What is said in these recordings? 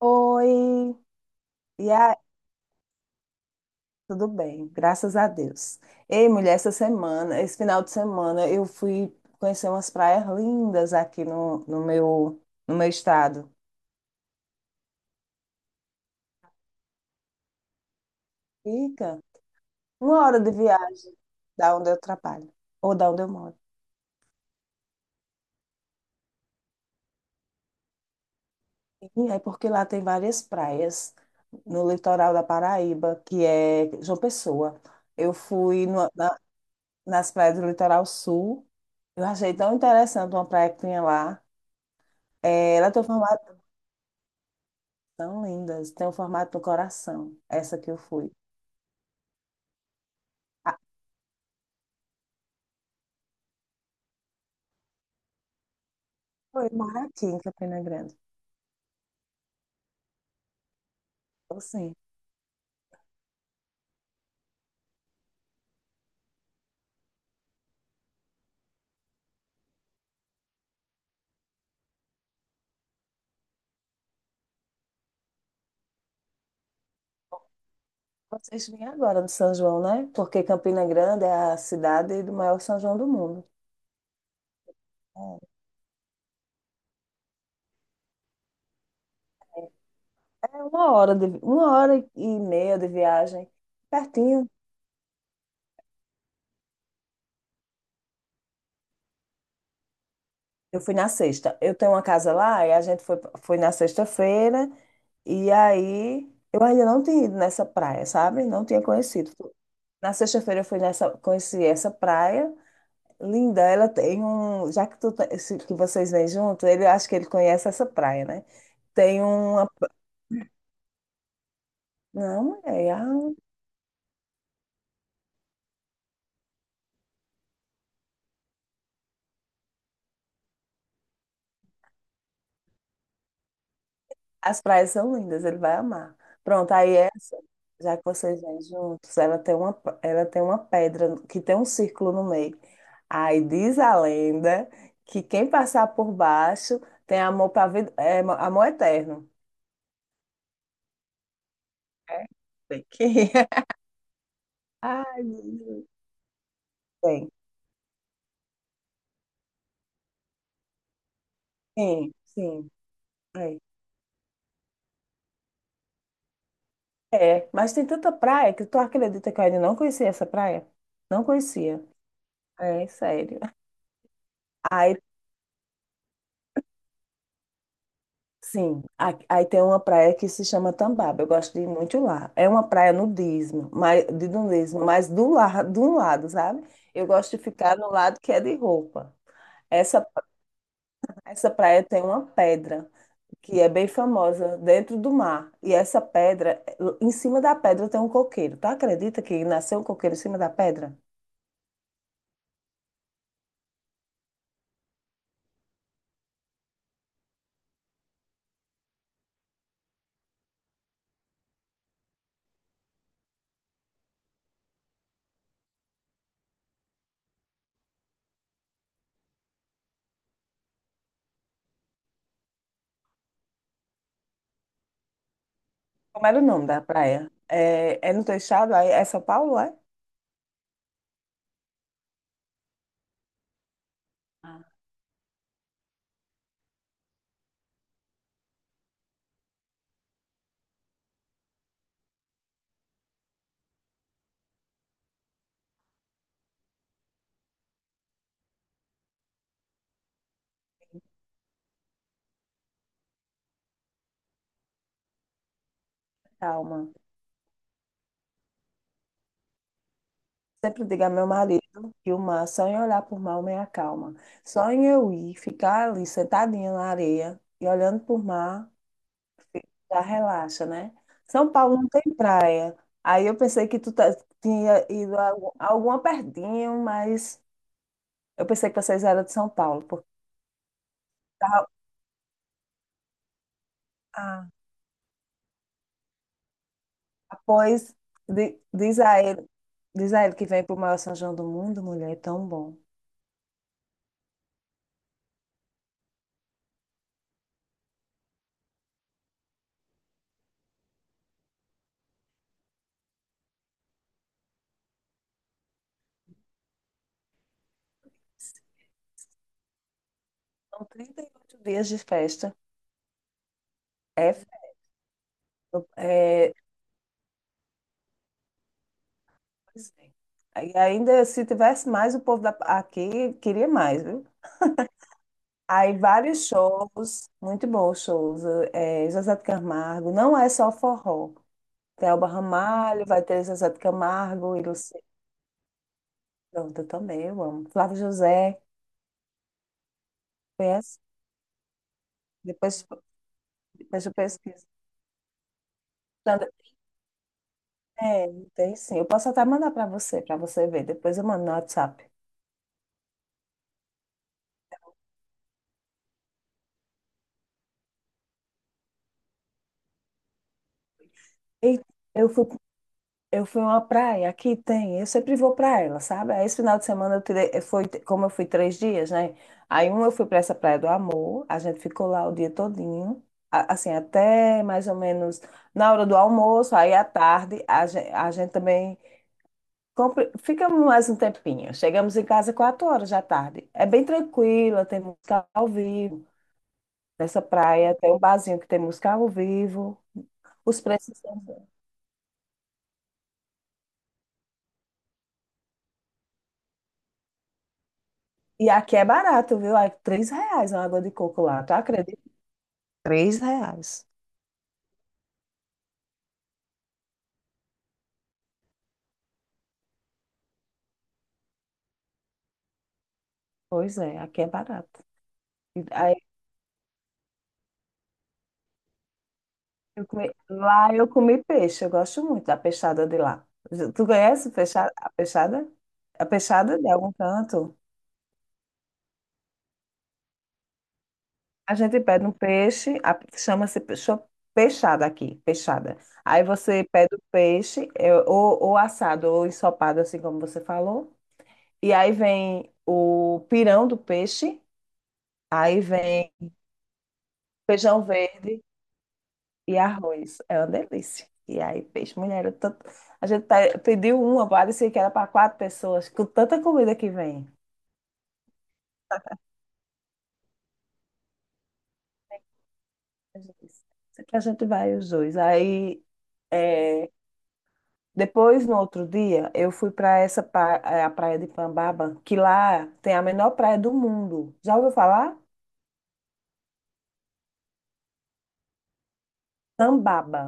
Oi, e aí, tudo bem, graças a Deus. Ei, mulher, essa semana, esse final de semana, eu fui conhecer umas praias lindas aqui no meu estado. Fica 1 hora de viagem da onde eu trabalho, ou da onde eu moro. E é porque lá tem várias praias no litoral da Paraíba, que é João Pessoa. Eu fui nas praias do litoral sul, eu achei tão interessante uma praia que tinha lá. É, ela tem um formato. São lindas. Tem o formato do coração. Essa que eu fui. Ah, eu moro aqui em Campina Grande. Então, sim. Vocês vêm agora no São João, né? Porque Campina Grande é a cidade do maior São João do mundo. É é, 1 hora e meia de viagem. Pertinho. Eu fui na sexta. Eu tenho uma casa lá e a gente foi na sexta-feira. E aí eu ainda não tinha ido nessa praia, sabe? Não tinha conhecido. Na sexta-feira eu fui nessa, conheci essa praia. Linda, ela tem um. Já que, tu, tá- se- que vocês vêm junto, ele acho que ele conhece essa praia, né? Tem uma. Não, é. As praias são lindas, ele vai amar. Pronto, aí essa, já que vocês vêm juntos, ela tem uma pedra que tem um círculo no meio. Aí diz a lenda que quem passar por baixo tem amor para vida, amor eterno. É? Tem que- Ai, Jesus. Tem. Sim, sim. É. É, mas tem tanta praia que tu acredita que eu ainda não conhecia essa praia? Não conhecia. É, sério. Aí, sim, aí tem uma praia que se chama Tambaba. Eu gosto de ir muito lá. É uma praia nudismo, mas, de nudismo, mas do lado, de um lado, sabe? Eu gosto de ficar no lado que é de roupa. Essa, essa praia tem uma pedra que é bem famosa dentro do mar. E essa pedra, em cima da pedra tem um coqueiro. Tu acredita que nasceu um coqueiro em cima da pedra? Como era o nome da praia? É no teu estado? Aí é São Paulo, é? Ah, calma. Sempre digo a meu marido que o mar, só em olhar por mar, me acalma. Só em eu ir, ficar ali sentadinha na areia e olhando por mar, já relaxa, né? São Paulo não tem praia. Aí eu pensei que tinha ido a alguma pertinho, mas eu pensei que vocês eram de São Paulo. Porque tá, ah, pois di- diz a ele, diz a ele que vem pro maior São João do mundo, mulher, é tão bom. São 38 dias de festa. É, festa. É, pois é. Aí ainda se tivesse mais, aqui queria mais, viu? Aí vários shows, muito bons shows. É, José de Camargo, não é só forró. Tem Elba Ramalho, vai ter José de Camargo, e Luciano. Pronto, eu também, eu amo. Flávio José, conhece? Depois, depois eu pesquiso. Sandra- É, tem sim. Eu posso até mandar para você ver. Depois eu mando no WhatsApp. E eu fui Eu fui a uma praia, aqui tem, eu sempre vou para ela, sabe? Aí esse final de semana eu tirei, foi, como eu fui 3 dias, né? Aí um eu fui para essa Praia do Amor, a gente ficou lá o dia todinho, assim, até mais ou menos na hora do almoço, aí à tarde a gente também ficamos mais um tempinho. Chegamos em casa 4 horas da tarde. É bem tranquila, tem música ao vivo. Nessa praia tem um barzinho que tem música ao vivo. Os preços são. E aqui é barato, viu? É R$ 3 uma água de coco lá, tu acredita? R$ 3. Pois é, aqui é barato. E aí, lá eu comi peixe, eu gosto muito da peixada de lá. Tu conhece a peixada? A peixada de algum canto? A gente pede um peixe, chama-se peixada aqui, peixada. Aí você pede o peixe, ou assado, ou ensopado, assim como você falou. E aí vem o pirão do peixe, aí vem feijão verde. E arroz, é uma delícia. E aí, peixe, mulher, eu tanto... a gente pediu uma, parecia que era para 4 pessoas, com tanta comida que vem. A gente disse, "Isso aqui a gente vai os dois. Aí, é, depois, no outro dia, eu fui para essa a praia de Pambaba, que lá tem a menor praia do mundo. Já ouviu falar? Pambaba.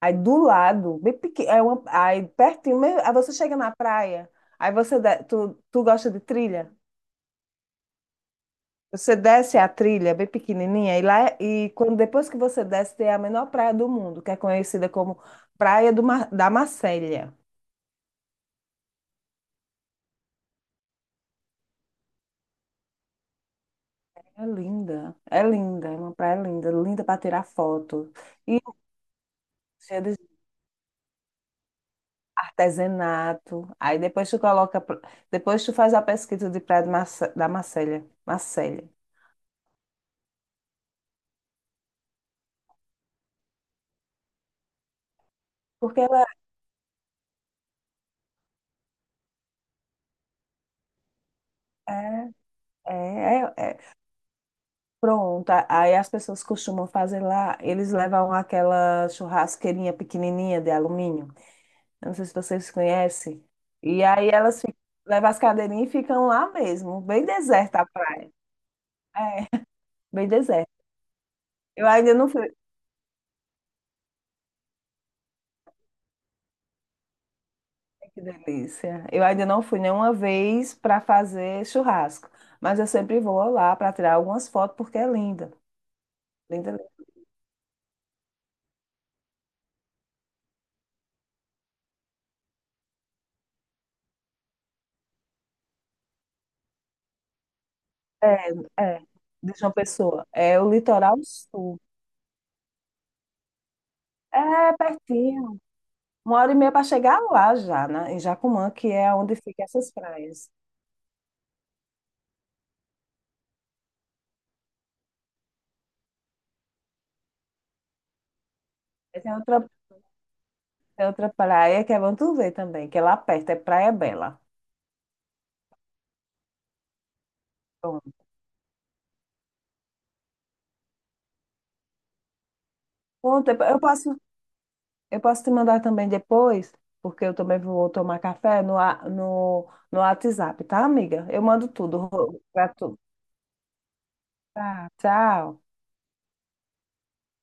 Aí do lado, bem pequeno, aí pertinho, aí você chega na praia, aí você, de- tu, tu gosta de trilha? Você desce a trilha bem pequenininha e e quando depois que você desce tem a menor praia do mundo, que é conhecida como Praia da Macélia. É linda, é linda, é uma praia linda, linda para tirar foto. E cheia de artesanato. Aí depois depois tu faz a pesquisa de Praia da Macélia, Macélia. Porque ela é, é, é. Pronta. Aí as pessoas costumam fazer lá, eles levam aquela churrasqueirinha pequenininha de alumínio. Eu não sei se vocês conhecem. E aí elas ficam, levam as cadeirinhas e ficam lá mesmo, bem deserta a praia. É, bem deserta. Eu ainda não fui. Ai, que delícia. Eu ainda não fui nenhuma vez para fazer churrasco, mas eu sempre vou lá para tirar algumas fotos porque é linda. Linda, linda. É, é. De João Pessoa. É o litoral sul. É pertinho. 1 hora e meia para chegar lá já, né? Em Jacumã, que é onde ficam essas praias. Aí Tem outra praia que é Vantuvé também, que é lá perto, é Praia Bela. Pronto. Pronto, eu posso te mandar também depois, porque eu também vou tomar café no WhatsApp, tá, amiga? Eu mando tudo pra tu. Tá, tchau.